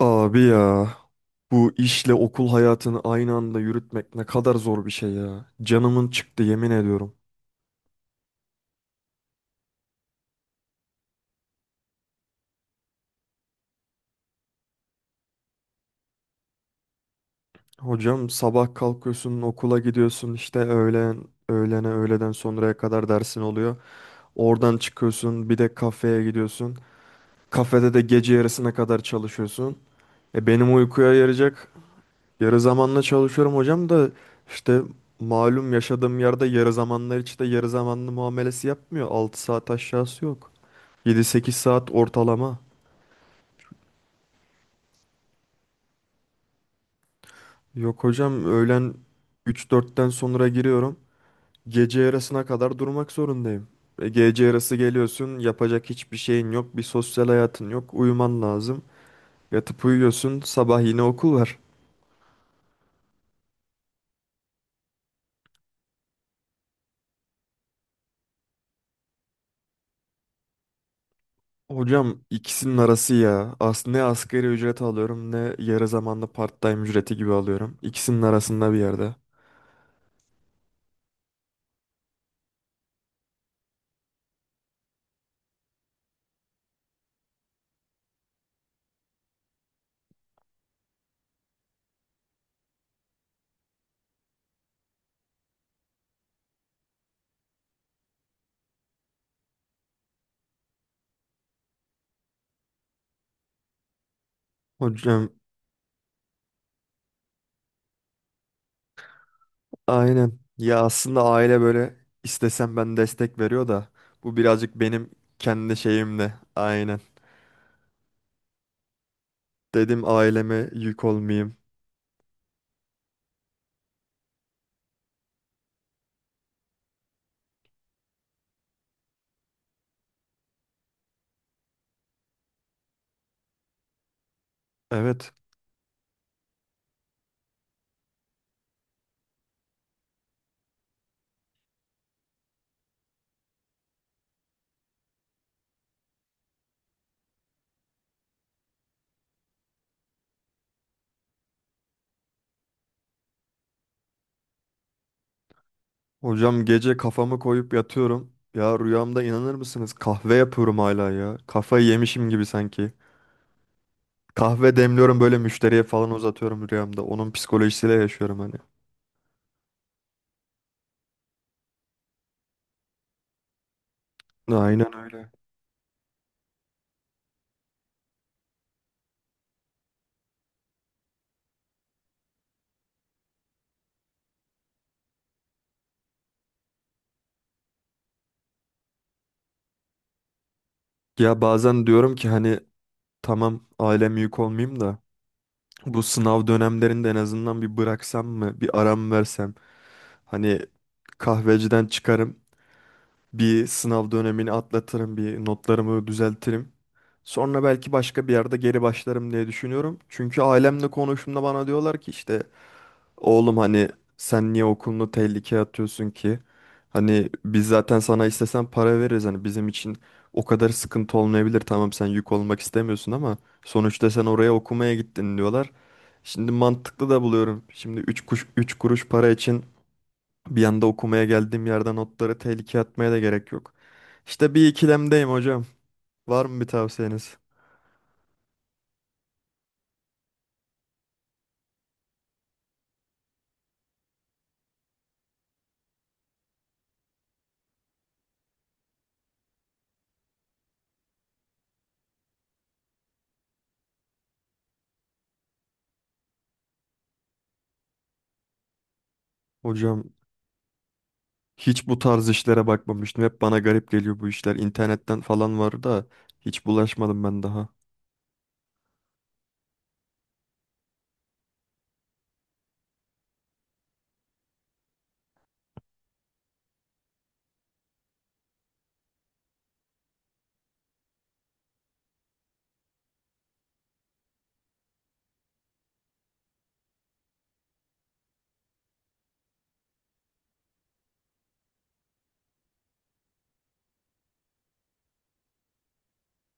Abi ya, bu işle okul hayatını aynı anda yürütmek ne kadar zor bir şey ya. Canımın çıktı, yemin ediyorum. Hocam sabah kalkıyorsun, okula gidiyorsun, işte öğlen öğlene öğleden sonraya kadar dersin oluyor. Oradan çıkıyorsun, bir de kafeye gidiyorsun. Kafede de gece yarısına kadar çalışıyorsun. E benim uykuya yarayacak... Yarı zamanla çalışıyorum hocam da işte, malum, yaşadığım yerde yarı zamanlar hiç de yarı zamanlı muamelesi yapmıyor. 6 saat aşağısı yok. 7-8 saat ortalama. Yok hocam, öğlen 3-4'ten sonra giriyorum. Gece yarısına kadar durmak zorundayım. Gece yarısı geliyorsun, yapacak hiçbir şeyin yok. Bir sosyal hayatın yok. Uyuman lazım. Yatıp uyuyorsun, sabah yine okul var. Hocam ikisinin arası ya. Aslında ne asgari ücret alıyorum ne yarı zamanlı part-time ücreti gibi alıyorum. İkisinin arasında bir yerde. Hocam aynen. Ya aslında aile böyle, istesem ben, destek veriyor da bu birazcık benim kendi şeyimle. Aynen. Dedim aileme yük olmayayım. Evet. Hocam gece kafamı koyup yatıyorum. Ya rüyamda, inanır mısınız, kahve yapıyorum hala ya. Kafayı yemişim gibi sanki. Kahve demliyorum böyle, müşteriye falan uzatıyorum rüyamda. Onun psikolojisiyle yaşıyorum hani. Aynen öyle. Ya bazen diyorum ki hani, tamam ailem yük olmayayım da bu sınav dönemlerinde en azından bir bıraksam mı, bir aram versem. Hani kahveciden çıkarım, bir sınav dönemini atlatırım, bir notlarımı düzeltirim. Sonra belki başka bir yerde geri başlarım diye düşünüyorum. Çünkü ailemle konuştuğumda bana diyorlar ki işte, oğlum hani sen niye okulunu tehlikeye atıyorsun ki? Hani biz zaten sana istesen para veririz. Hani bizim için o kadar sıkıntı olmayabilir. Tamam sen yük olmak istemiyorsun ama sonuçta sen oraya okumaya gittin diyorlar. Şimdi mantıklı da buluyorum. Şimdi 3 kuş 3 kuruş para için bir anda okumaya geldiğim yerden notları tehlikeye atmaya da gerek yok. İşte bir ikilemdeyim hocam. Var mı bir tavsiyeniz? Hocam hiç bu tarz işlere bakmamıştım. Hep bana garip geliyor bu işler. İnternetten falan var da hiç bulaşmadım ben daha.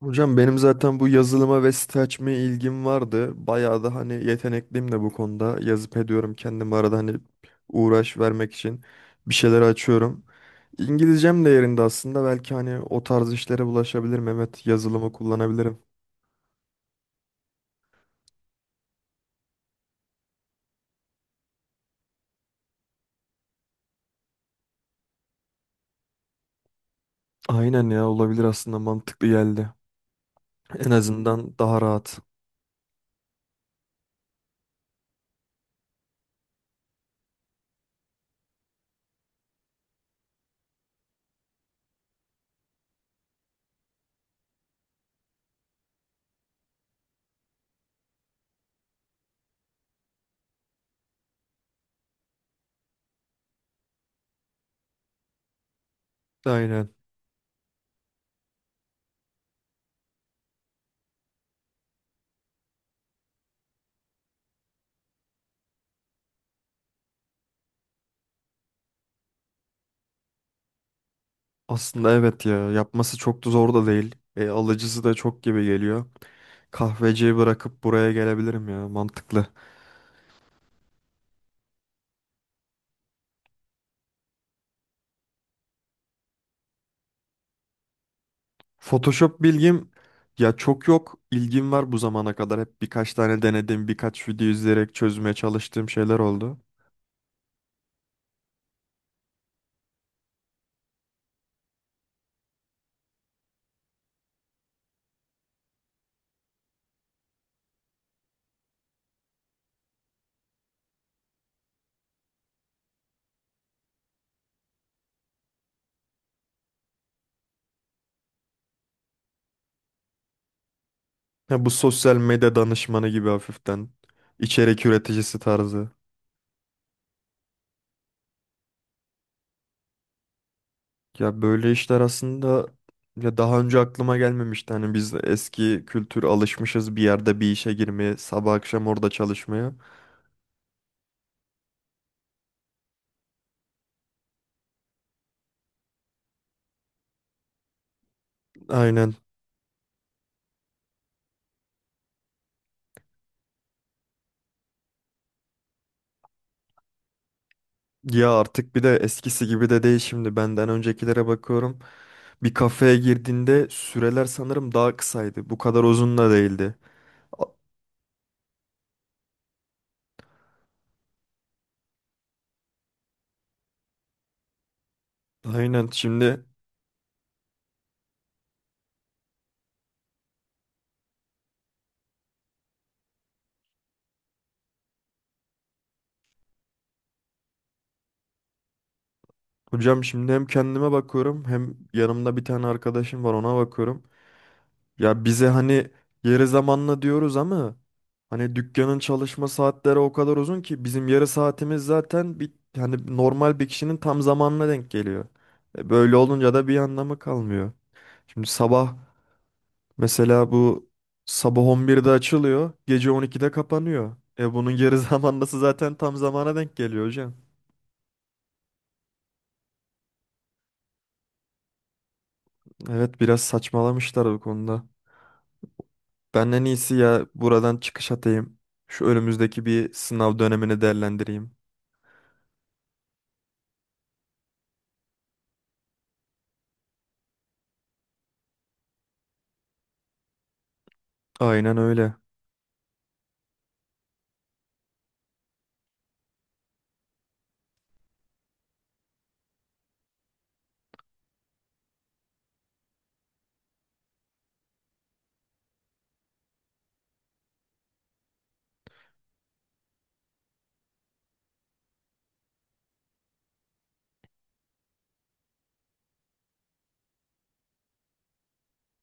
Hocam benim zaten bu yazılıma ve site açmaya ilgim vardı. Bayağı da hani yetenekliyim de bu konuda. Yazıp ediyorum kendim arada, hani uğraş vermek için bir şeyler açıyorum. İngilizcem de yerinde aslında. Belki hani o tarz işlere bulaşabilirim. Evet, yazılımı kullanabilirim. Aynen ya, olabilir, aslında mantıklı geldi. En azından daha rahat. Aynen. Aslında evet ya, yapması çok da zor da değil. Alıcısı da çok gibi geliyor. Kahveciyi bırakıp buraya gelebilirim ya, mantıklı. Photoshop bilgim ya çok yok. İlgim var bu zamana kadar. Hep birkaç tane denedim, birkaç video izleyerek çözmeye çalıştığım şeyler oldu. Ya bu sosyal medya danışmanı gibi hafiften, içerik üreticisi tarzı. Ya böyle işler aslında, ya daha önce aklıma gelmemişti. Hani biz de eski kültür alışmışız, bir yerde bir işe girmeye, sabah akşam orada çalışmaya. Aynen. Ya artık bir de eskisi gibi de değil, şimdi benden öncekilere bakıyorum. Bir kafeye girdiğinde süreler sanırım daha kısaydı. Bu kadar uzun da değildi. A- Aynen, şimdi hocam şimdi hem kendime bakıyorum, hem yanımda bir tane arkadaşım var, ona bakıyorum. Ya bize hani yarı zamanlı diyoruz ama hani dükkanın çalışma saatleri o kadar uzun ki bizim yarı saatimiz zaten bir hani normal bir kişinin tam zamanına denk geliyor. Böyle olunca da bir anlamı kalmıyor. Şimdi sabah Mesela bu sabah 11'de açılıyor, gece 12'de kapanıyor. E bunun geri zamanlısı zaten tam zamana denk geliyor hocam. Evet, biraz saçmalamışlar bu konuda. Ben en iyisi ya buradan çıkış atayım. Şu önümüzdeki bir sınav dönemini değerlendireyim. Aynen öyle.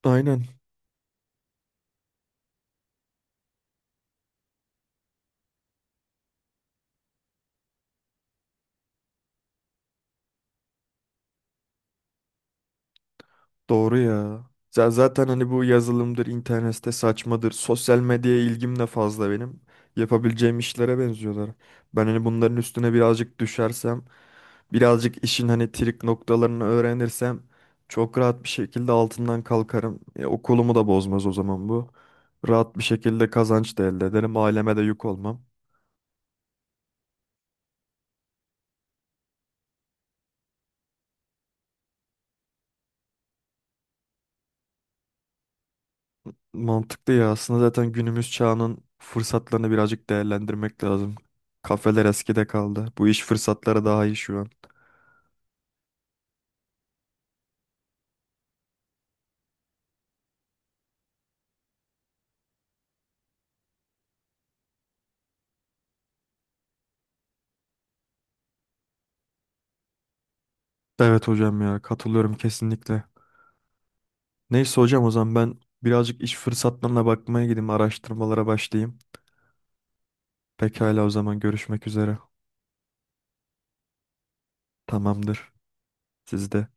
Aynen. Doğru ya. Zaten hani bu yazılımdır, internette saçmadır, sosyal medyaya ilgim de fazla benim. Yapabileceğim işlere benziyorlar. Ben hani bunların üstüne birazcık düşersem, birazcık işin hani trik noktalarını öğrenirsem çok rahat bir şekilde altından kalkarım. Okulumu da bozmaz o zaman bu. Rahat bir şekilde kazanç da elde ederim, aileme de yük olmam. Mantıklı ya. Aslında zaten günümüz çağının fırsatlarını birazcık değerlendirmek lazım. Kafeler eskide kaldı. Bu iş fırsatları daha iyi şu an. Evet hocam, ya katılıyorum kesinlikle. Neyse hocam, o zaman ben birazcık iş fırsatlarına bakmaya gideyim, araştırmalara başlayayım. Pekala, o zaman görüşmek üzere. Tamamdır. Siz de.